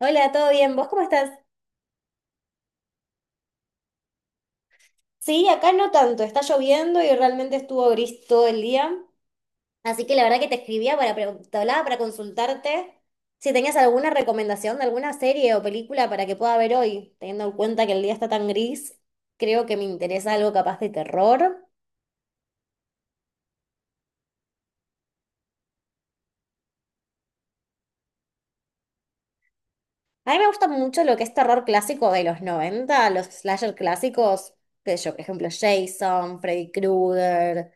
Hola, ¿todo bien? ¿Vos cómo estás? Sí, acá no tanto, está lloviendo y realmente estuvo gris todo el día. Así que la verdad que te escribía para, te hablaba para consultarte si tenías alguna recomendación de alguna serie o película para que pueda ver hoy, teniendo en cuenta que el día está tan gris, creo que me interesa algo capaz de terror. A mí me gusta mucho lo que es terror clásico de los 90, los slasher clásicos, qué sé yo, por ejemplo, Jason, Freddy Krueger.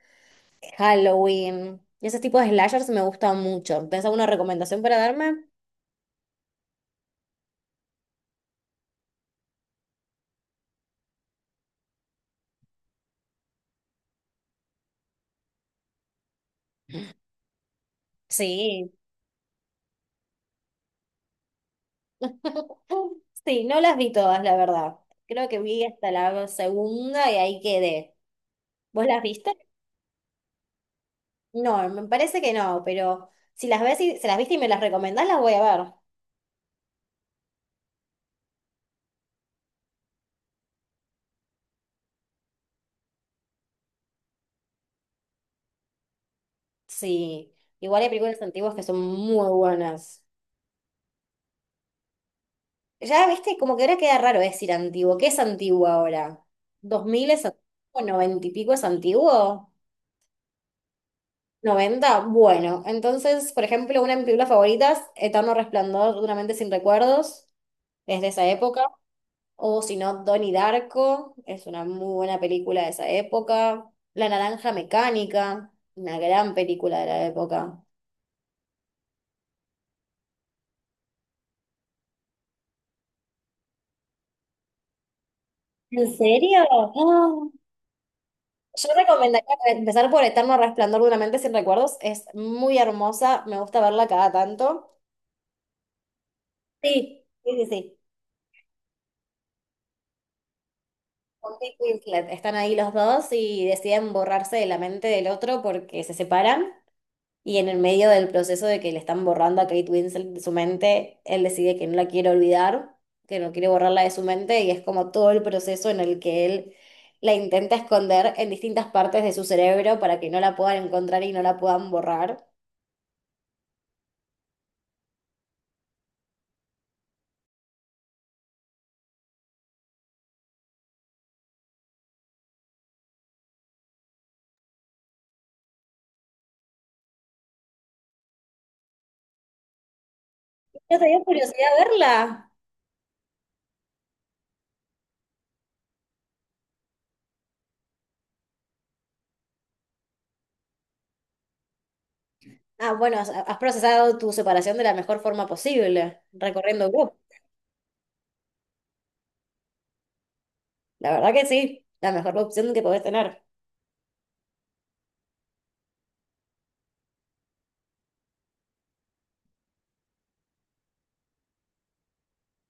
Halloween. Ese tipo de slashers me gusta mucho. ¿Tenés alguna recomendación para darme? Sí. Sí, no las vi todas, la verdad. Creo que vi hasta la segunda y ahí quedé. ¿Vos las viste? No, me parece que no, pero si las viste y me las recomendás, las voy a ver. Sí, igual hay películas antiguas que son muy buenas. Ya, viste, como que ahora queda raro decir antiguo. ¿Qué es antiguo ahora? ¿Dos mil es antiguo? ¿90 y pico es antiguo? Noventa. Bueno, entonces, por ejemplo, una de mis películas favoritas, Eterno Resplandor de una mente sin recuerdos, es de esa época. O si no, Donnie Darko, es una muy buena película de esa época. La Naranja Mecánica, una gran película de la época. ¿En serio? Ah. Yo recomendaría empezar por Eterno Resplandor de una mente sin recuerdos. Es muy hermosa, me gusta verla cada tanto. Sí, sí, sí, sí. Kate Winslet. Están ahí los dos y deciden borrarse de la mente del otro porque se separan. Y en el medio del proceso de que le están borrando a Kate Winslet de su mente, él decide que no la quiere olvidar, que no quiere borrarla de su mente. Y es como todo el proceso en el que él la intenta esconder en distintas partes de su cerebro para que no la puedan encontrar y no la puedan borrar. ¿No te dio curiosidad verla? Ah, bueno, has procesado tu separación de la mejor forma posible, recorriendo Goop. La verdad que sí, la mejor opción que podés tener.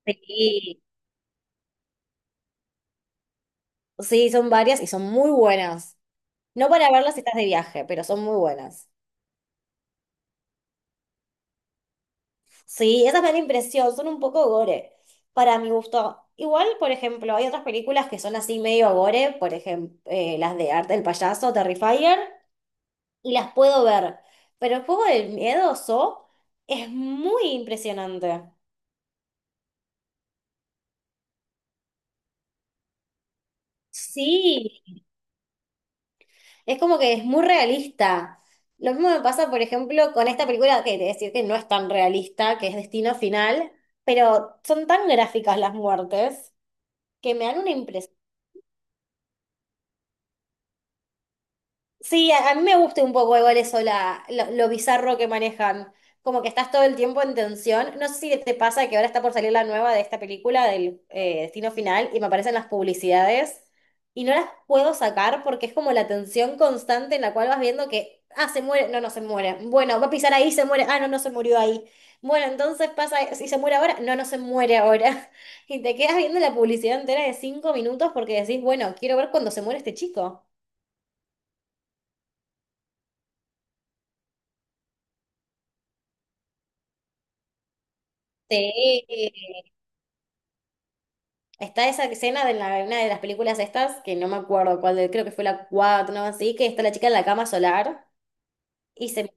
Sí, sí, son varias y son muy buenas. No para verlas si estás de viaje, pero son muy buenas. Sí, esa me da la impresión, son un poco gore, para mi gusto. Igual, por ejemplo, hay otras películas que son así medio gore, por ejemplo, las de Arte del Payaso, Terrifier, y las puedo ver. Pero el juego del miedo, So, es muy impresionante. Sí, es como que es muy realista. Lo mismo me pasa, por ejemplo, con esta película, que te decir que no es tan realista, que es Destino Final, pero son tan gráficas las muertes que me dan una impresión. Sí, a mí me gusta un poco igual eso, lo bizarro que manejan. Como que estás todo el tiempo en tensión. No sé si te pasa que ahora está por salir la nueva de esta película del Destino Final y me aparecen las publicidades y no las puedo sacar porque es como la tensión constante en la cual vas viendo que, ah, se muere, no, no se muere. Bueno, va a pisar ahí, se muere, ah, no, no se murió ahí. Bueno, entonces pasa, si se muere ahora, no, no se muere ahora. Y te quedas viendo la publicidad entera de 5 minutos porque decís, bueno, quiero ver cuando se muere este chico. Sí, está esa escena de una de las películas estas, que no me acuerdo cuál, creo que fue la 4 no así, que está la chica en la cama solar y se me...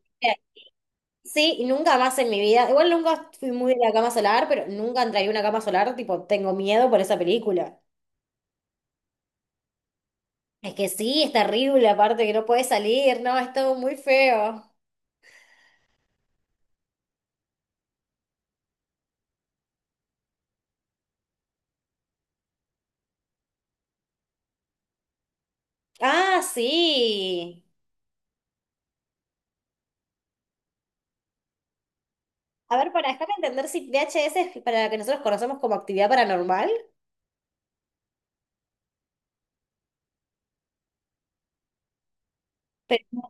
Sí, y nunca más en mi vida. Igual nunca fui muy de la cama solar, pero nunca entraría a una cama solar, tipo, tengo miedo por esa película. Es que sí, es terrible, aparte que no puedes salir, no, es todo muy feo. Ah, sí. A ver, para déjame entender si VHS es para la que nosotros conocemos como actividad paranormal. Pero...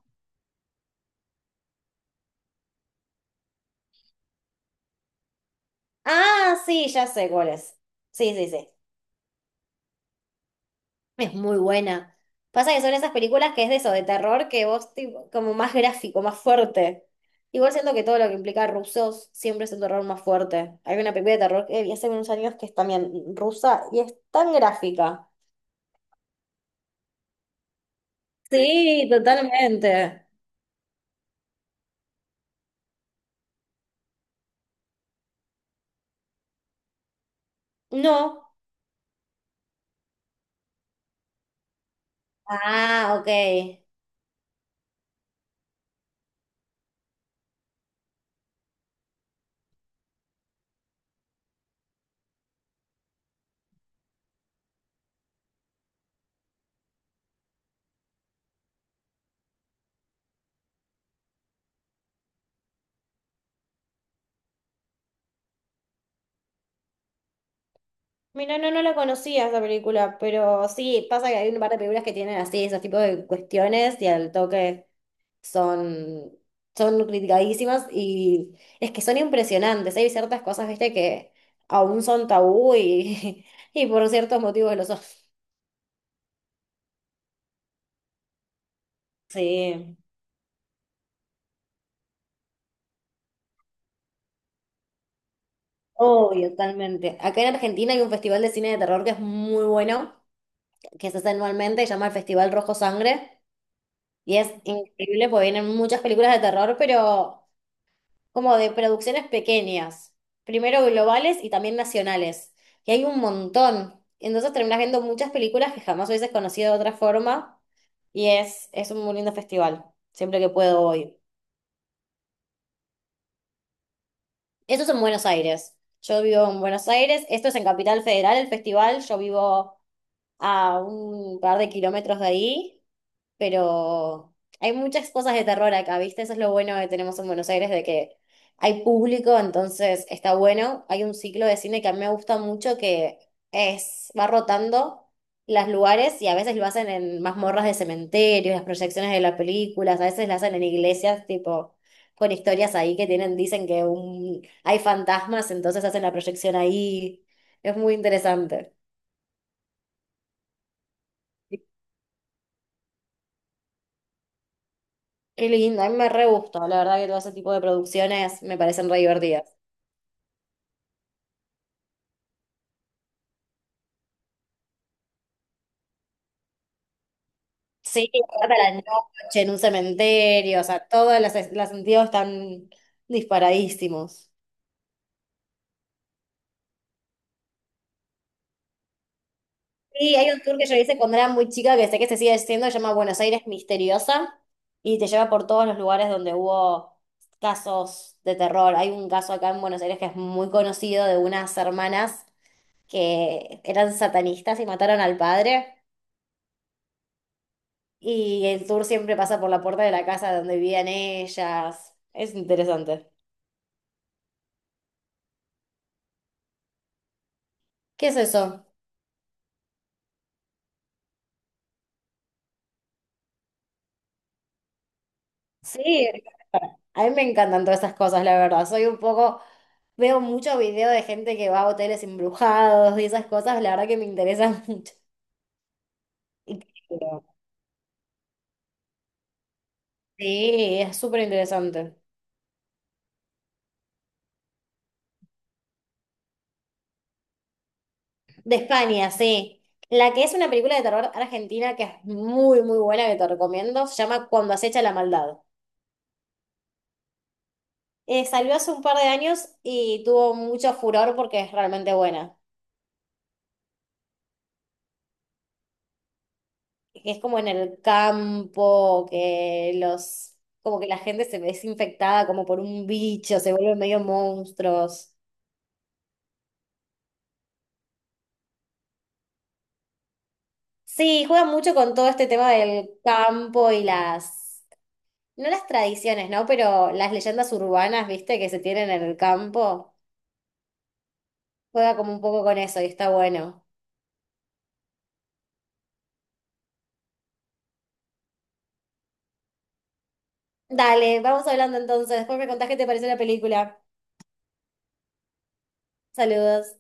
Ah, sí, ya sé cuál es. Sí, sí, sí. Es muy buena. Pasa que son esas películas que es de eso, de terror, que vos tipo, como más gráfico, más fuerte. Igual siento que todo lo que implica rusos siempre es un terror más fuerte. Hay una película de terror que vi hace unos años que es también rusa y es tan gráfica. Sí, totalmente. No. Ah, ok. Mira, no, no la conocía esa película, pero sí, pasa que hay un par de películas que tienen así esos tipos de cuestiones y al toque. son, son criticadísimas y es que son impresionantes. Hay ciertas cosas, viste, que aún son tabú y, y por ciertos motivos lo son. Sí, obvio, totalmente. Acá en Argentina hay un festival de cine de terror que es muy bueno, que se hace anualmente, se llama el Festival Rojo Sangre y es increíble porque vienen muchas películas de terror, pero... como de producciones pequeñas, primero globales y también nacionales, que hay un montón. Entonces terminas viendo muchas películas que jamás hubieses conocido de otra forma y es un muy lindo festival, siempre que puedo voy. Eso es en Buenos Aires. Yo vivo en Buenos Aires, esto es en Capital Federal, el festival, yo vivo a un par de kilómetros de ahí, pero hay muchas cosas de terror acá, ¿viste? Eso es lo bueno que tenemos en Buenos Aires, de que hay público, entonces está bueno. Hay un ciclo de cine que a mí me gusta mucho que va rotando los lugares y a veces lo hacen en mazmorras de cementerios, las proyecciones de las películas, a veces lo hacen en iglesias, tipo, con historias ahí que tienen, dicen que hay fantasmas, entonces hacen la proyección ahí. Es muy interesante. Qué lindo, a mí me re gustó, la verdad que todo ese tipo de producciones me parecen re divertidas. Sí, trata la noche en un cementerio, o sea, todos los sentidos están disparadísimos. Sí, hay un tour que yo hice cuando era muy chica, que sé que se sigue haciendo, se llama Buenos Aires Misteriosa, y te lleva por todos los lugares donde hubo casos de terror. Hay un caso acá en Buenos Aires que es muy conocido de unas hermanas que eran satanistas y mataron al padre. Y el tour siempre pasa por la puerta de la casa donde vivían ellas. Es interesante. ¿Qué es eso? Sí, a mí me encantan todas esas cosas, la verdad. Soy un poco, veo mucho video de gente que va a hoteles embrujados y esas cosas, la verdad que me interesan mucho. Y qué Sí, es súper interesante. De España, sí. La que es una película de terror argentina que es muy, muy buena, que te recomiendo, se llama Cuando acecha la maldad. Salió hace un par de años y tuvo mucho furor porque es realmente buena. Que es como en el campo, que como que la gente se ve infectada como por un bicho, se vuelven medio monstruos. Sí, juegan mucho con todo este tema del campo y las, no las tradiciones, ¿no? Pero las leyendas urbanas, ¿viste? Que se tienen en el campo. Juega como un poco con eso y está bueno. Dale, vamos hablando entonces. Después me contás qué te pareció la película. Saludos.